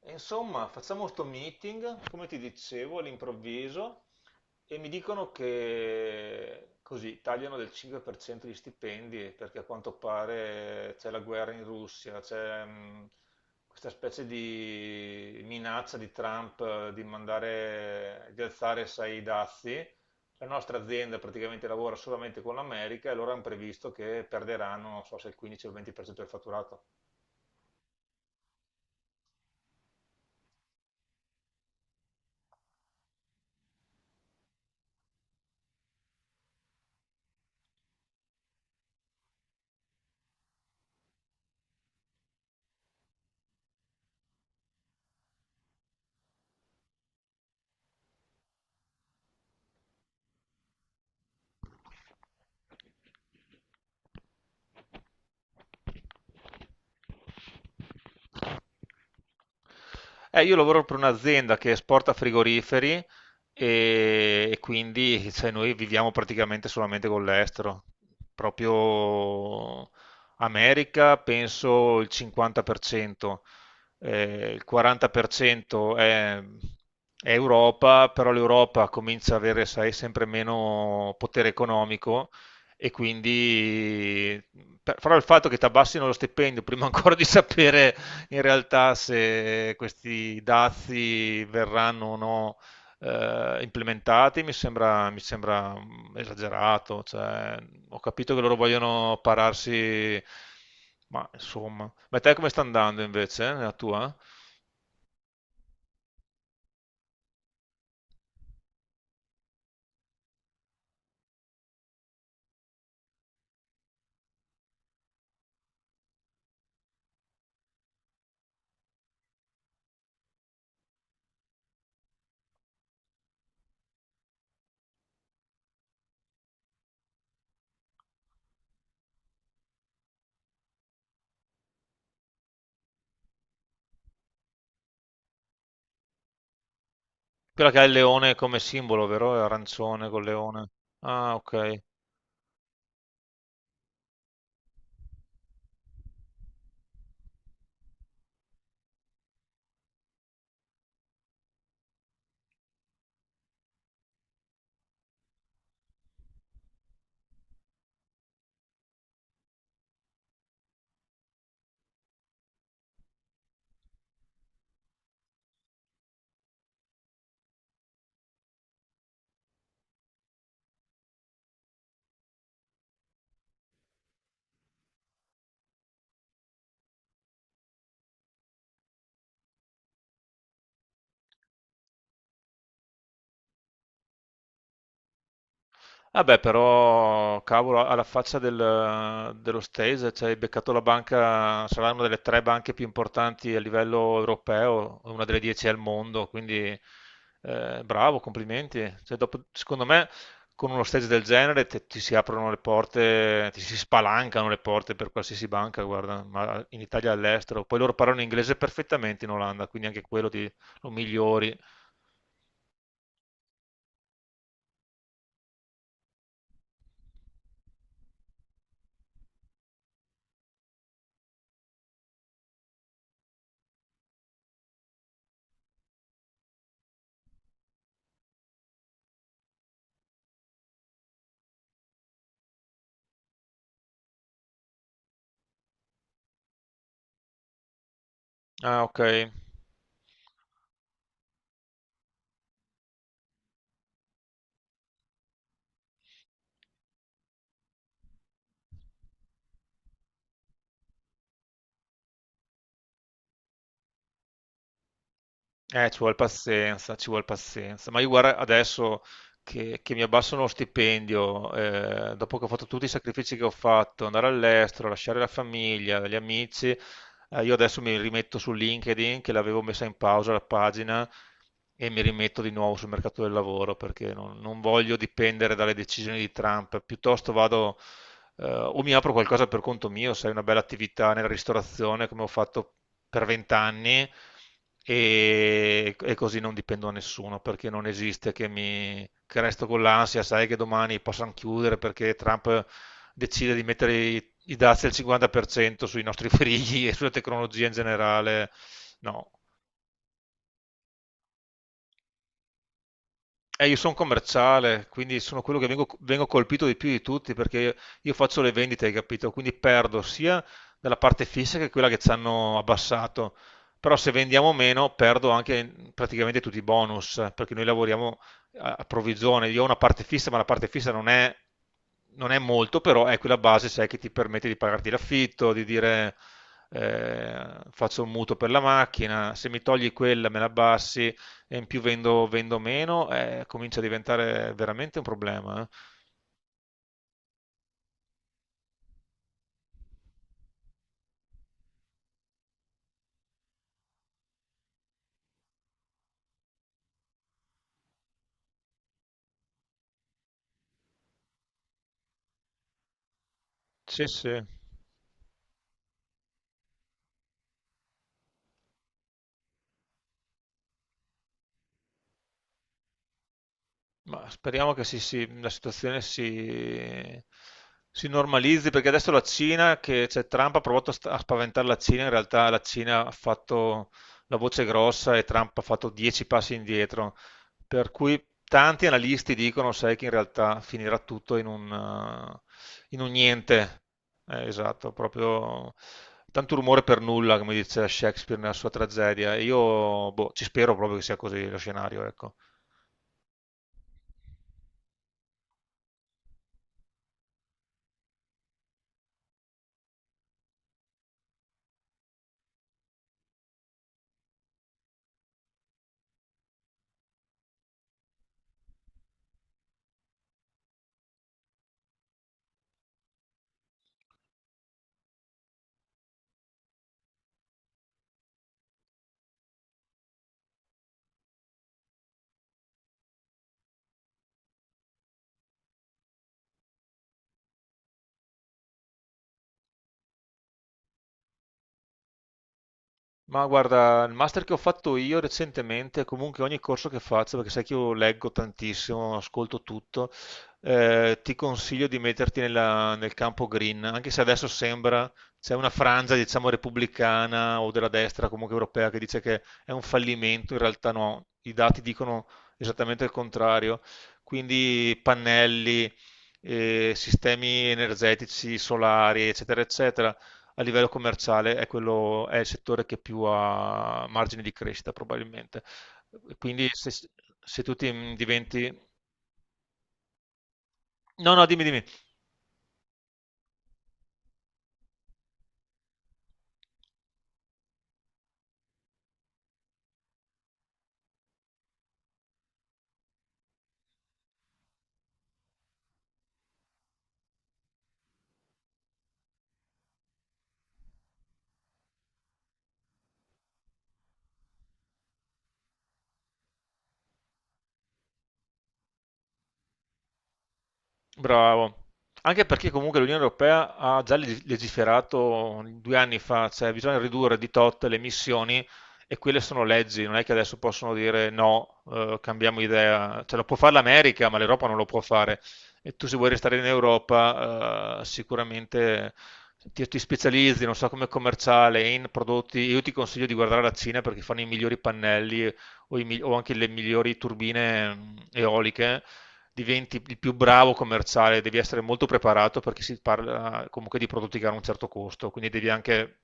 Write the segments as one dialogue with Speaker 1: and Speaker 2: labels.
Speaker 1: E insomma, facciamo questo meeting, come ti dicevo, all'improvviso, e mi dicono che così tagliano del 5% gli stipendi perché a quanto pare c'è la guerra in Russia, c'è questa specie di minaccia di Trump, di mandare, di alzare, sai, i dazi. La nostra azienda praticamente lavora solamente con l'America e loro hanno previsto che perderanno, non so se il 15 o il 20% del fatturato. Io lavoro per un'azienda che esporta frigoriferi quindi cioè, noi viviamo praticamente solamente con l'estero. Proprio America penso il 50%, il 40% è Europa, però l'Europa comincia ad avere, sai, sempre meno potere economico, e quindi però il fatto che ti abbassino lo stipendio prima ancora di sapere in realtà se questi dazi verranno o no implementati mi sembra esagerato. Cioè, ho capito che loro vogliono pararsi, ma insomma. Ma te come sta andando invece, nella tua? Quella che ha il leone come simbolo, vero? È arancione col leone. Ah, ok. Vabbè, però, cavolo, alla faccia dello stage, cioè, hai beccato la banca, sarà una delle tre banche più importanti a livello europeo, una delle 10 al mondo, quindi, bravo, complimenti. Cioè, dopo, secondo me, con uno stage del genere ti si aprono le porte, ti si spalancano le porte per qualsiasi banca, guarda, ma in Italia e all'estero. Poi loro parlano inglese perfettamente in Olanda, quindi anche quello lo migliori. Ah, ok. Ci vuole pazienza, ci vuole pazienza. Ma io, guarda, adesso che mi abbassano lo stipendio, dopo che ho fatto tutti i sacrifici che ho fatto, andare all'estero, lasciare la famiglia, gli amici, io adesso mi rimetto su LinkedIn, che l'avevo messa in pausa la pagina, e mi rimetto di nuovo sul mercato del lavoro, perché non voglio dipendere dalle decisioni di Trump. Piuttosto vado, o mi apro qualcosa per conto mio, sai, una bella attività nella ristorazione come ho fatto per vent'anni, così non dipendo da nessuno, perché non esiste che resto con l'ansia, sai, che domani possano chiudere perché Trump decide di mettere i dazi al 50% sui nostri frighi e sulla tecnologia in generale. No, io sono commerciale, quindi sono quello che vengo colpito di più di tutti, perché io, faccio le vendite, hai capito? Quindi perdo sia dalla parte fissa che quella che ci hanno abbassato. Però se vendiamo meno, perdo anche praticamente tutti i bonus, perché noi lavoriamo a provvigione. Io ho una parte fissa, ma la parte fissa non è molto, però è quella base, sai, che ti permette di pagarti l'affitto, di dire, eh, faccio un mutuo per la macchina. Se mi togli quella, me la abbassi, e in più vendo meno, comincia a diventare veramente un problema. Sì, sì. Ma speriamo che la situazione si normalizzi, perché adesso la Cina, che cioè, Trump ha provato a a spaventare la Cina, in realtà la Cina ha fatto la voce grossa e Trump ha fatto 10 passi indietro, per cui tanti analisti dicono, sai, che in realtà finirà tutto in un, niente. Esatto, proprio tanto rumore per nulla, come dice Shakespeare nella sua tragedia. E io boh, ci spero proprio che sia così lo scenario, ecco. Ma guarda, il master che ho fatto io recentemente, comunque ogni corso che faccio, perché sai che io leggo tantissimo, ascolto tutto, ti consiglio di metterti nel campo green. Anche se adesso sembra, c'è una frangia, diciamo, repubblicana o della destra comunque europea, che dice che è un fallimento, in realtà no, i dati dicono esattamente il contrario. Quindi pannelli, sistemi energetici, solari, eccetera, eccetera, a livello commerciale è quello, è il settore che più ha margini di crescita probabilmente. Quindi se, se tu ti diventi... No, no, dimmi, dimmi. Bravo. Anche perché comunque l'Unione Europea ha già legiferato 2 anni fa, cioè bisogna ridurre di tot le emissioni, e quelle sono leggi, non è che adesso possono dire no, cambiamo idea. Cioè, lo può fare l'America, ma l'Europa non lo può fare. E tu, se vuoi restare in Europa, sicuramente ti specializzi, non so, come commerciale in prodotti. Io ti consiglio di guardare la Cina perché fanno i migliori pannelli, o, o anche le migliori turbine eoliche. Diventi il più bravo commerciale. Devi essere molto preparato, perché si parla comunque di prodotti che hanno un certo costo, quindi devi anche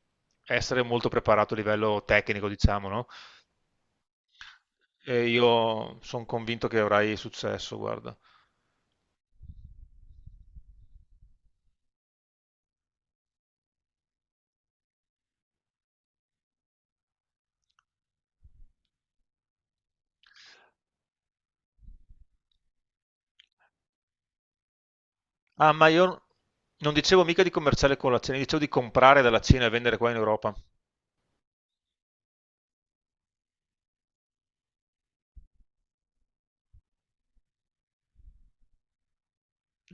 Speaker 1: essere molto preparato a livello tecnico, diciamo, no? E io sono convinto che avrai successo, guarda. Ah, ma io non dicevo mica di commerciale con la Cina, dicevo di comprare dalla Cina e vendere qua in Europa.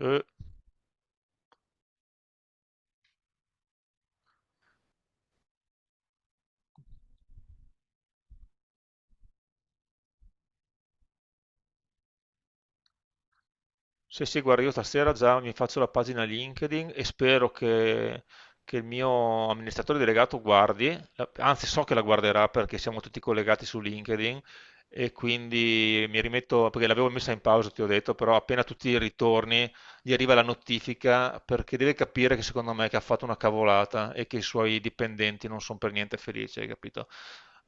Speaker 1: Eh. Sì, sì, guarda, io stasera già mi faccio la pagina LinkedIn, e spero che il mio amministratore delegato guardi, anzi so che la guarderà, perché siamo tutti collegati su LinkedIn, e quindi mi rimetto, perché l'avevo messa in pausa, ti ho detto. Però appena tu ti ritorni, gli arriva la notifica, perché deve capire, che secondo me, che ha fatto una cavolata e che i suoi dipendenti non sono per niente felici, hai capito?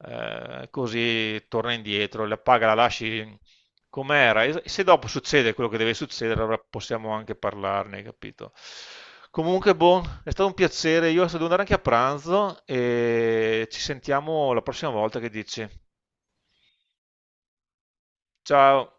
Speaker 1: Così torna indietro, la paga la lasci com'era. E se dopo succede quello che deve succedere, allora possiamo anche parlarne, capito? Comunque, boh, è stato un piacere. Io adesso devo andare anche a pranzo e ci sentiamo la prossima volta che dici. Ciao.